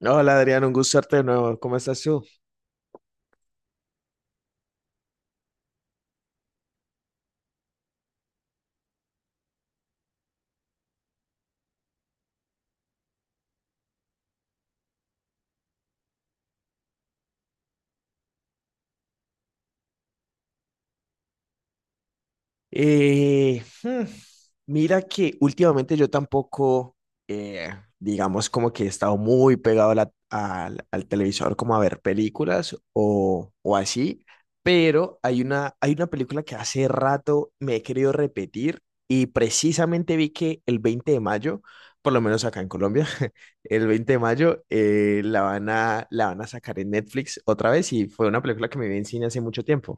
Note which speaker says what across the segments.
Speaker 1: Hola Adrián, un gusto verte de nuevo. ¿Cómo estás tú? Eh, hmm, mira que últimamente yo tampoco, eh, digamos como que he estado muy pegado al televisor como a ver películas o así, pero hay una película que hace rato me he querido repetir y precisamente vi que el 20 de mayo, por lo menos acá en Colombia, el 20 de mayo la van a sacar en Netflix otra vez y fue una película que me vi en cine hace mucho tiempo,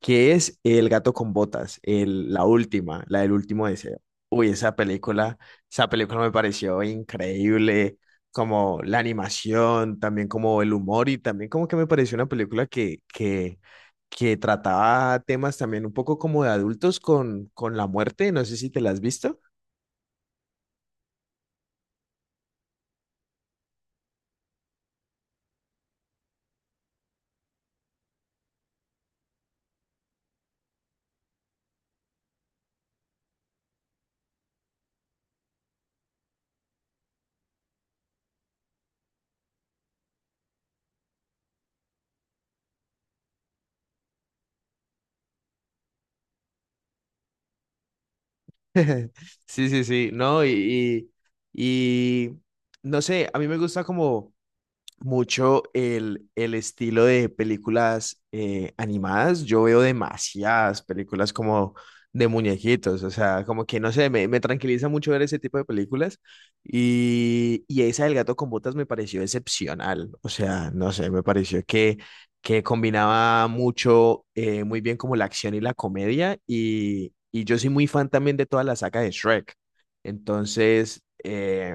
Speaker 1: que es El gato con botas, la última, la del último deseo. Uy, esa película me pareció increíble, como la animación, también como el humor y también como que me pareció una película que trataba temas también un poco como de adultos con la muerte, no sé si te la has visto. Sí, sí, sí, no, y no sé, a mí me gusta como mucho el estilo de películas animadas. Yo veo demasiadas películas como de muñequitos, o sea, como que no sé, me tranquiliza mucho ver ese tipo de películas y esa del gato con botas me pareció excepcional, o sea, no sé, me pareció que combinaba mucho, muy bien como la acción y la comedia y yo soy muy fan también de toda la saga de Shrek, entonces.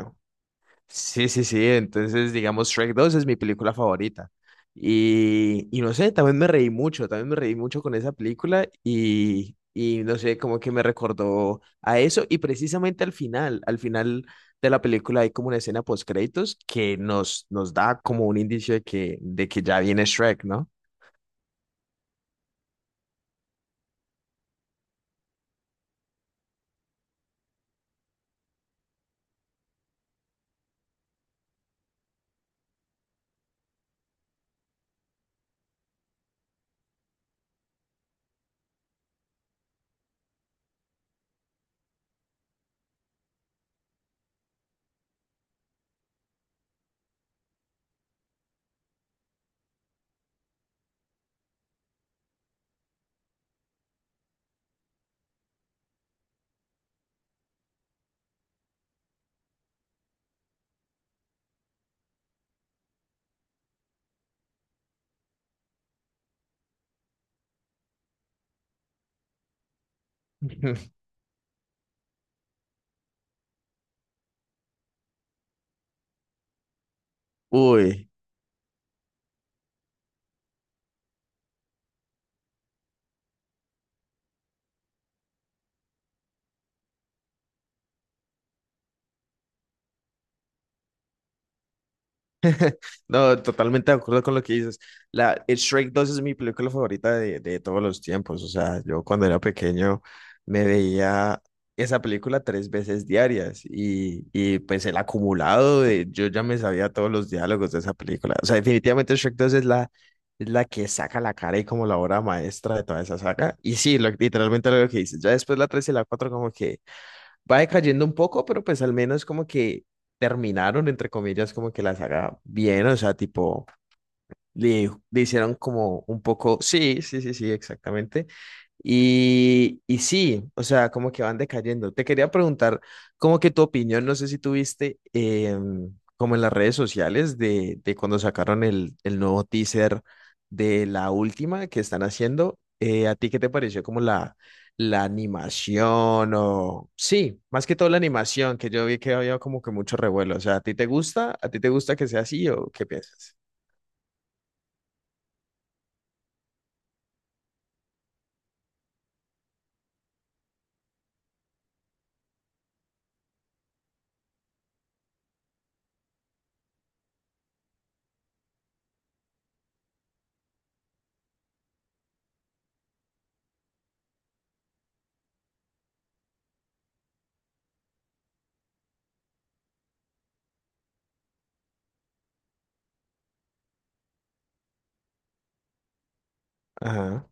Speaker 1: Sí, sí, sí. Entonces, digamos, Shrek 2 es mi película favorita. Y no sé, también me reí mucho, también me reí mucho con esa película y no sé, como que me recordó a eso. Y precisamente al final de la película hay como una escena post-créditos que nos da como un indicio de que ya viene Shrek, ¿no? Uy. No, totalmente de acuerdo con lo que dices. Shrek 2 es mi película favorita de todos los tiempos. O sea, yo cuando era pequeño me veía esa película tres veces diarias y pues el acumulado de yo ya me sabía todos los diálogos de esa película. O sea, definitivamente Shrek 2 es la que saca la cara y como la obra maestra de toda esa saga. Y sí, literalmente lo que dices. Ya después la 3 y la 4 como que va decayendo un poco, pero pues al menos como que terminaron, entre comillas, como que la saga bien, o sea, tipo, le hicieron como un poco, sí, sí, sí, sí, exactamente. Y sí, o sea, como que van decayendo. Te quería preguntar, como que tu opinión, no sé si tuviste como en las redes sociales de cuando sacaron el nuevo teaser de la última que están haciendo, ¿a ti qué te pareció como la animación o... Sí, más que todo la animación, que yo vi que había como que mucho revuelo. O sea, ¿a ti te gusta? ¿A ti te gusta que sea así o qué piensas? Ajá.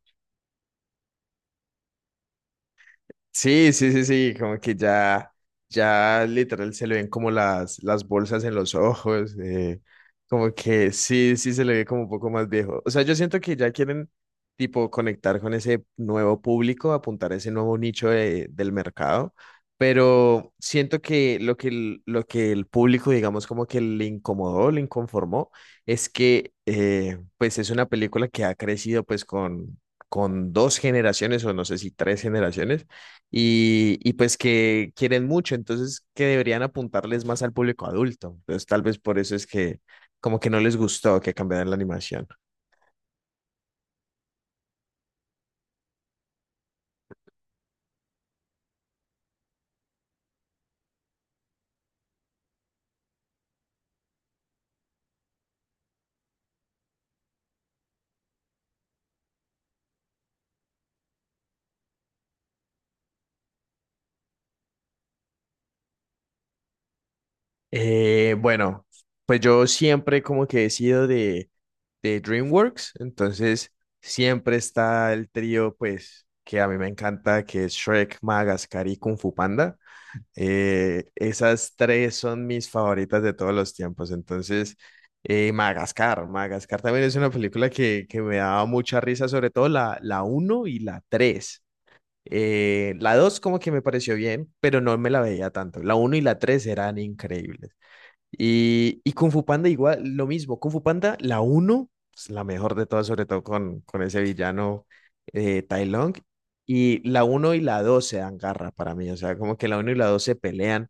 Speaker 1: Sí, sí, sí, sí, como que ya literal se le ven como las bolsas en los ojos, como que sí, sí se le ve como un poco más viejo. O sea, yo siento que ya quieren tipo conectar con ese nuevo público, apuntar a ese nuevo nicho del mercado, pero siento que lo que el público, digamos, como que le incomodó, le inconformó, es que pues es una película que ha crecido pues con dos generaciones o no sé si tres generaciones y pues que quieren mucho, entonces que deberían apuntarles más al público adulto. Entonces tal vez por eso es que como que no les gustó que cambiaran la animación. Bueno, pues yo siempre como que he sido de DreamWorks, entonces siempre está el trío pues que a mí me encanta, que es Shrek, Madagascar y Kung Fu Panda. Esas tres son mis favoritas de todos los tiempos. Entonces, Madagascar también es una película que me daba mucha risa, sobre todo la uno y la 3. La 2 como que me pareció bien, pero no me la veía tanto. La uno y la 3 eran increíbles. Y Kung Fu Panda igual, lo mismo. Kung Fu Panda, la uno es la mejor de todas, sobre todo con ese villano, Tai Lung. Y la uno y la 2 se dan garra para mí. O sea, como que la uno y la dos se pelean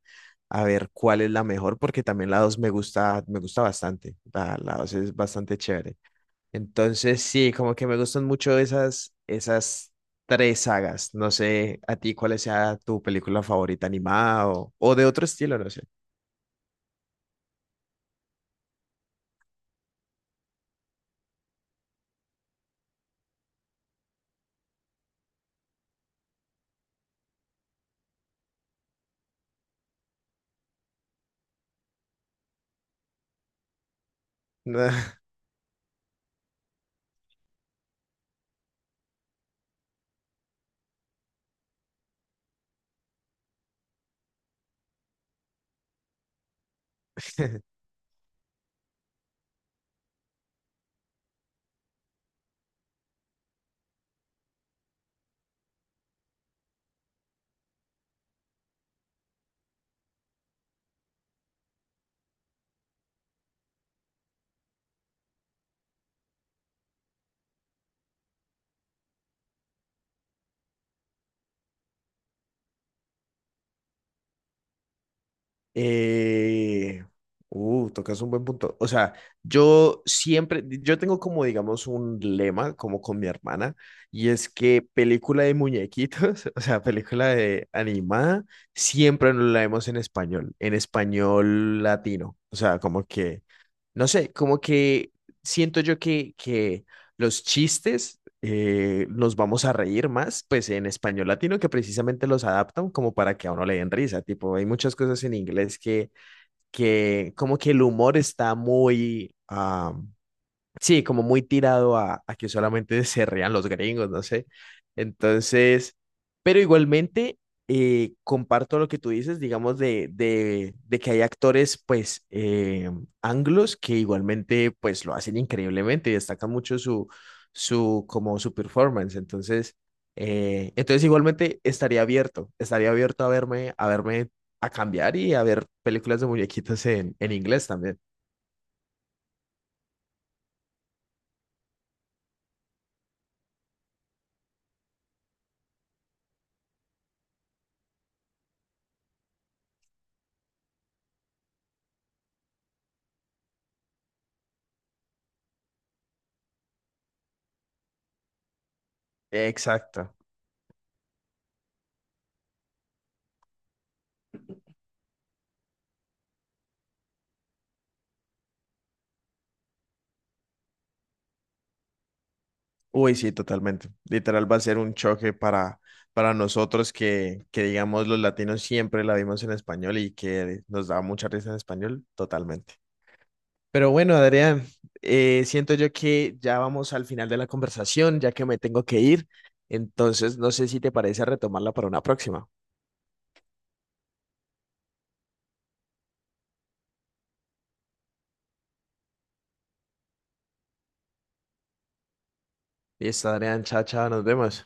Speaker 1: a ver cuál es la mejor, porque también la 2 me gusta bastante. La 2 es bastante chévere. Entonces, sí, como que me gustan mucho esas tres sagas. No sé a ti cuál sea tu película favorita animada o de otro estilo, no sé. Eh, tocas un buen punto. O sea, yo tengo como, digamos, un lema, como con mi hermana, y es que película de muñequitos, o sea, película de animada, siempre nos la vemos en español latino. O sea, como que no sé, como que siento yo que los chistes nos vamos a reír más, pues en español latino que precisamente los adaptan como para que a uno le den risa, tipo, hay muchas cosas en inglés que como que el humor está muy, sí, como muy tirado a que solamente se rían los gringos, no sé. Entonces, pero igualmente comparto lo que tú dices, digamos, de que hay actores, pues, anglos que igualmente, pues, lo hacen increíblemente y destacan mucho como su performance. Entonces, igualmente estaría abierto a verme, a cambiar y a ver películas de muñequitos en inglés también. Exacto. Uy, sí, totalmente. Literal va a ser un choque para nosotros que, digamos, los latinos siempre la vimos en español y que nos da mucha risa en español, totalmente. Pero bueno, Adrián, siento yo que ya vamos al final de la conversación, ya que me tengo que ir. Entonces, no sé si te parece retomarla para una próxima. Listo, Adrián, chao, chao, nos vemos.